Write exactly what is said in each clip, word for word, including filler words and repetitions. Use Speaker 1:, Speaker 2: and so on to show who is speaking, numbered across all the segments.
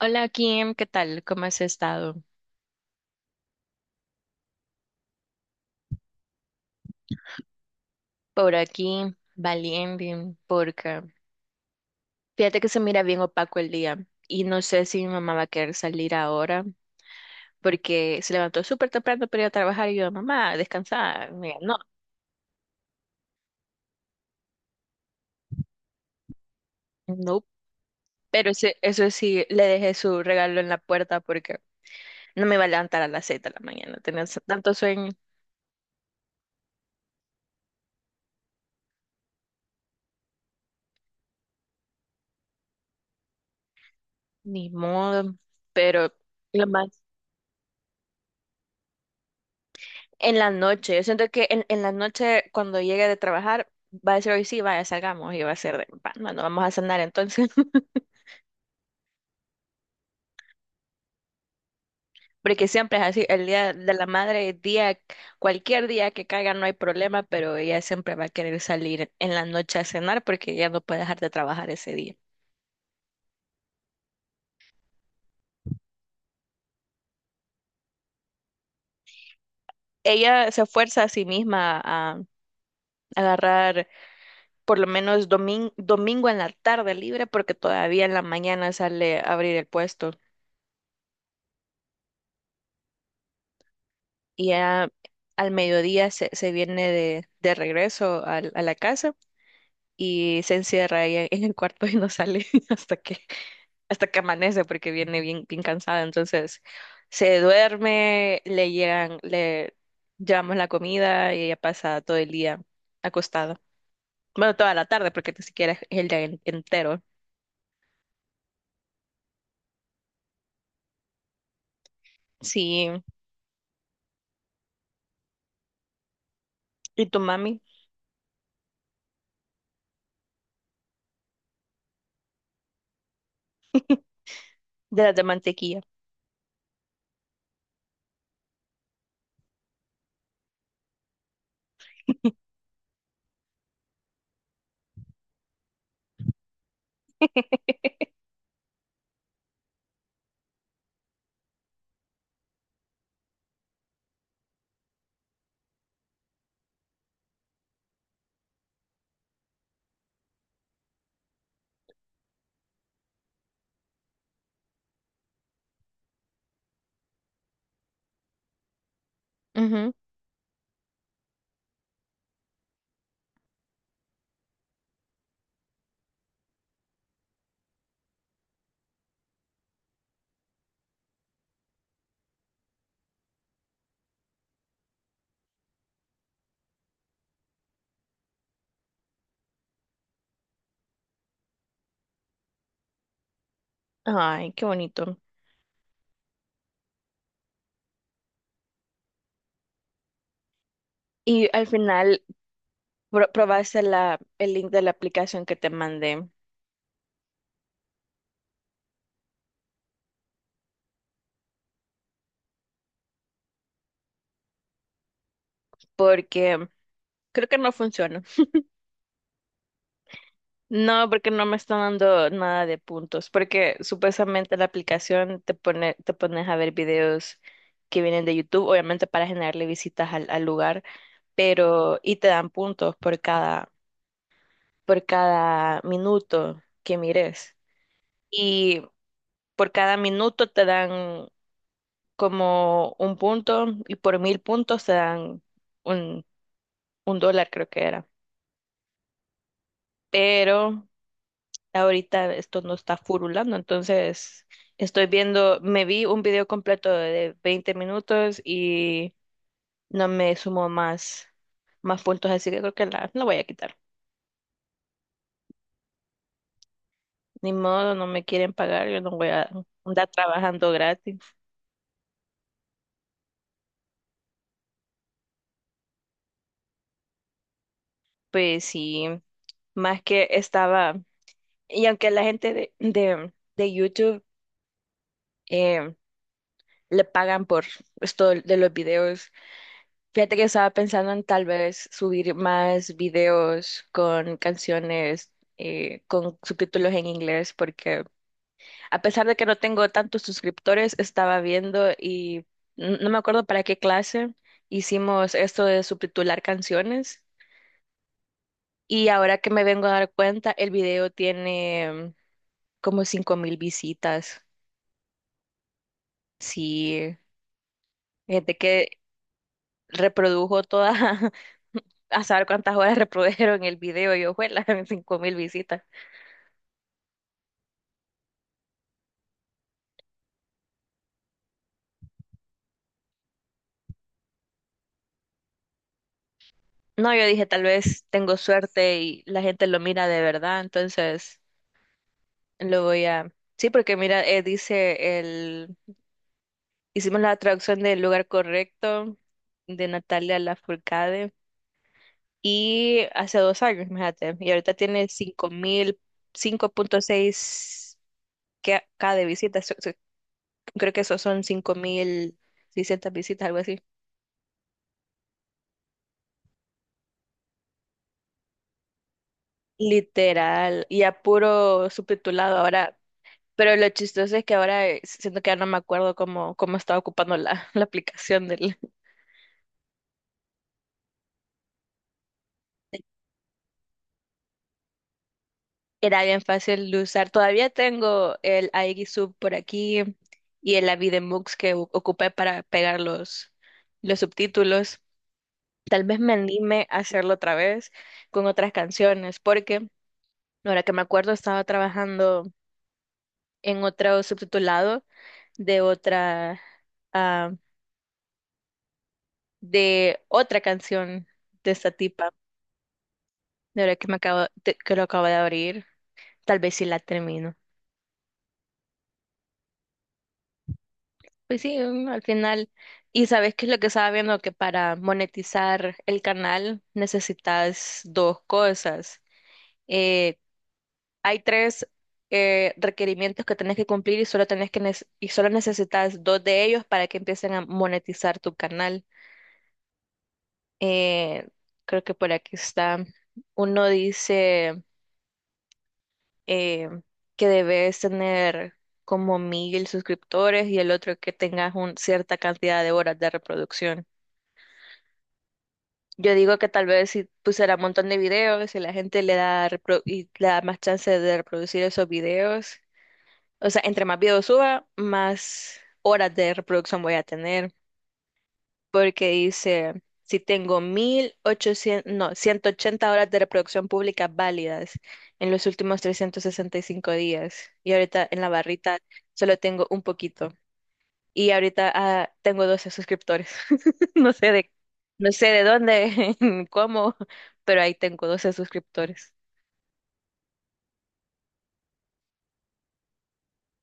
Speaker 1: Hola Kim, ¿qué tal? ¿Cómo has estado? Por aquí, valiente, porque fíjate que se mira bien opaco el día y no sé si mi mamá va a querer salir ahora porque se levantó súper temprano para ir a trabajar y yo, mamá, descansa. Me dijo, no, no, pero ese- eso sí, le dejé su regalo en la puerta porque no me iba a levantar a las seis de la mañana, tenía tanto sueño, ni modo, pero lo más. En la noche, yo siento que en, en la noche cuando llegue de trabajar va a decir hoy sí, vaya, salgamos y va a ser de, "Va, bueno, vamos a cenar entonces", porque siempre es así, el día de la madre, día, cualquier día que caiga no hay problema, pero ella siempre va a querer salir en la noche a cenar porque ella no puede dejar de trabajar ese día. Ella se fuerza a sí misma a agarrar por lo menos domin- domingo en la tarde libre porque todavía en la mañana sale a abrir el puesto. Y ya al mediodía se, se viene de, de regreso al- a, la casa y se encierra ahí en, en el cuarto y no sale hasta que, hasta que amanece porque viene bien, bien cansada. Entonces se duerme, le llegan, le llevamos la comida y ella pasa todo el día acostada. Bueno, toda la tarde porque ni siquiera es el día en- entero. Sí, y tu mami de las de mantequilla. Ujú. Ay, qué bonito. Y al final pro- probaste la, el link de la aplicación que te mandé, porque creo que no funciona. No, porque no me está dando nada de puntos, porque supuestamente la aplicación te pone, te pones a ver videos que vienen de YouTube, obviamente para generarle visitas al, al lugar, pero y te dan puntos por cada, por cada, minuto que mires. Y por cada minuto te dan como un punto y por mil puntos te dan un, un dólar, creo que era. Pero ahorita esto no está furulando, entonces estoy viendo, me vi un video completo de veinte minutos y no me sumo más, más puntos, así que creo que la, la voy a quitar. Ni modo, no me quieren pagar, yo no voy a andar trabajando gratis. Pues sí, más que estaba, y aunque la gente de, de, de YouTube eh, le pagan por esto de los videos. Fíjate que estaba pensando en tal vez subir más videos con canciones eh, con subtítulos en inglés, porque a pesar de que no tengo tantos suscriptores, estaba viendo y n- no me acuerdo para qué clase hicimos esto de subtitular canciones. Y ahora que me vengo a dar cuenta, el video tiene mm, como cinco mil visitas. Sí, fíjate que reprodujo toda, a saber cuántas horas reprodujeron el video y ojuela, cinco mil visitas. No, yo dije, tal vez tengo suerte y la gente lo mira de verdad, entonces lo voy a. Sí, porque mira, eh, dice el. Hicimos la traducción del lugar correcto de Natalia Lafourcade y hace dos años, fíjate, y ahorita tiene cinco mil, cinco punto seis que- cada de visitas, so- so- creo que eso son cinco mil seiscientas visitas, algo así. Literal, y a puro subtitulado ahora. Pero lo chistoso es que ahora eh, siento que ya no me acuerdo cómo, cómo estaba ocupando la, la aplicación del. Era bien fácil de usar. Todavía tengo el Sub por aquí y el Avidemux que u- ocupé para pegar los, los subtítulos. Tal vez me anime a hacerlo otra vez con otras canciones, porque ahora que me acuerdo estaba trabajando en otro subtitulado de otra. Ah, de otra canción de esta tipa. De verdad que me acabo, de- que lo acabo de abrir. Tal vez si la termino. Pues sí, mm, al final. Y sabes qué es lo que estaba viendo, que para monetizar el canal necesitas dos cosas. Eh, hay tres eh, requerimientos que tenés que cumplir y solo tenés que nece- y solo necesitas dos de ellos para que empiecen a monetizar tu canal. Eh, creo que por aquí está. Uno dice eh, que debes tener como mil suscriptores y el otro que tengas un, cierta cantidad de horas de reproducción. Yo digo que tal vez si pusiera un montón de videos y la gente le da, repro- y le da más chance de reproducir esos videos, o sea, entre más videos suba, más horas de reproducción voy a tener. Porque dice, si tengo mil ochocientas, no, ciento ochenta horas de reproducción pública válidas en los últimos trescientos sesenta y cinco días y ahorita en la barrita solo tengo un poquito y ahorita ah, tengo doce suscriptores. No sé de, no sé de dónde, ni cómo, pero ahí tengo doce suscriptores.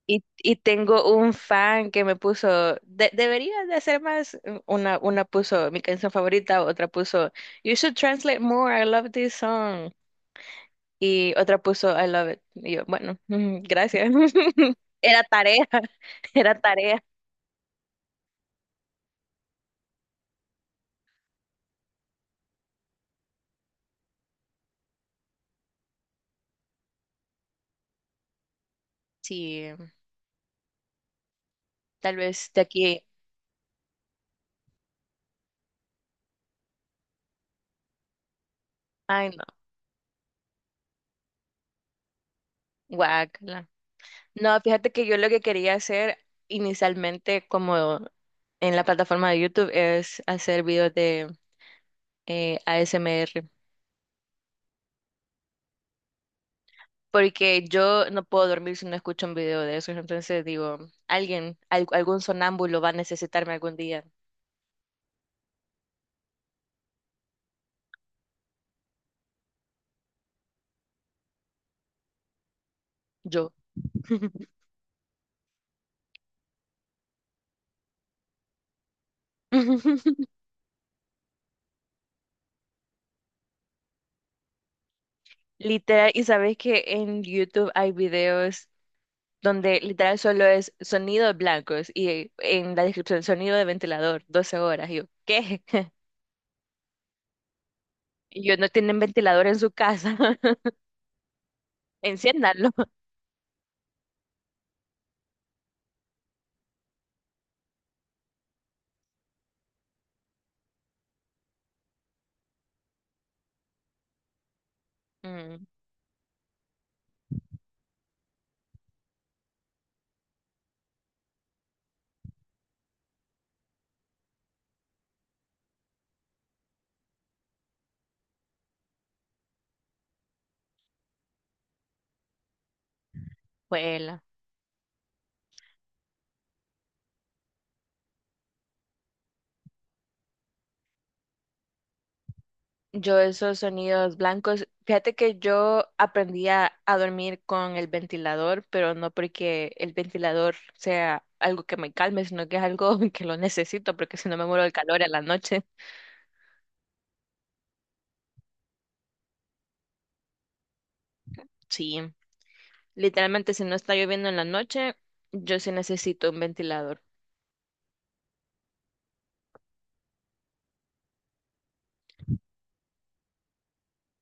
Speaker 1: Y, y tengo un fan que me puso, de, deberías de hacer más. Una, una puso mi canción favorita, otra puso, "You should translate more, I love this song". Y otra puso, "I love it". Y yo, bueno, mm, gracias. Era tarea, era tarea. Sí, tal vez de aquí, ay no, guácala. No, fíjate que yo lo que quería hacer inicialmente como en la plataforma de YouTube es hacer videos de eh, A S M R. Porque yo no puedo dormir si no escucho un video de eso. Entonces digo, alguien, al- algún sonámbulo va a necesitarme algún día. Yo. Literal, y sabes que en YouTube hay videos donde literal solo es sonidos blancos y en la descripción sonido de ventilador, doce horas. Y yo, ¿qué? Y yo, no tienen ventilador en su casa, enciéndanlo. Mm, bueno. Yo esos sonidos blancos, fíjate que yo aprendí a, a dormir con el ventilador, pero no porque el ventilador sea algo que me calme, sino que es algo que lo necesito, porque si no me muero del calor en la noche. Sí, literalmente si no está lloviendo en la noche, yo sí necesito un ventilador.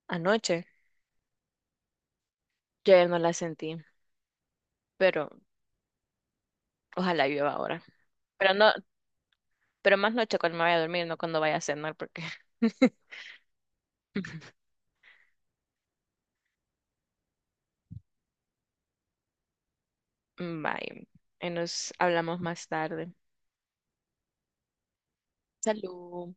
Speaker 1: Anoche yo ya no la sentí, pero ojalá llueva ahora. Pero no, pero más noche cuando me vaya a dormir, no cuando vaya a cenar, porque. Bye, y nos hablamos más tarde. Salud.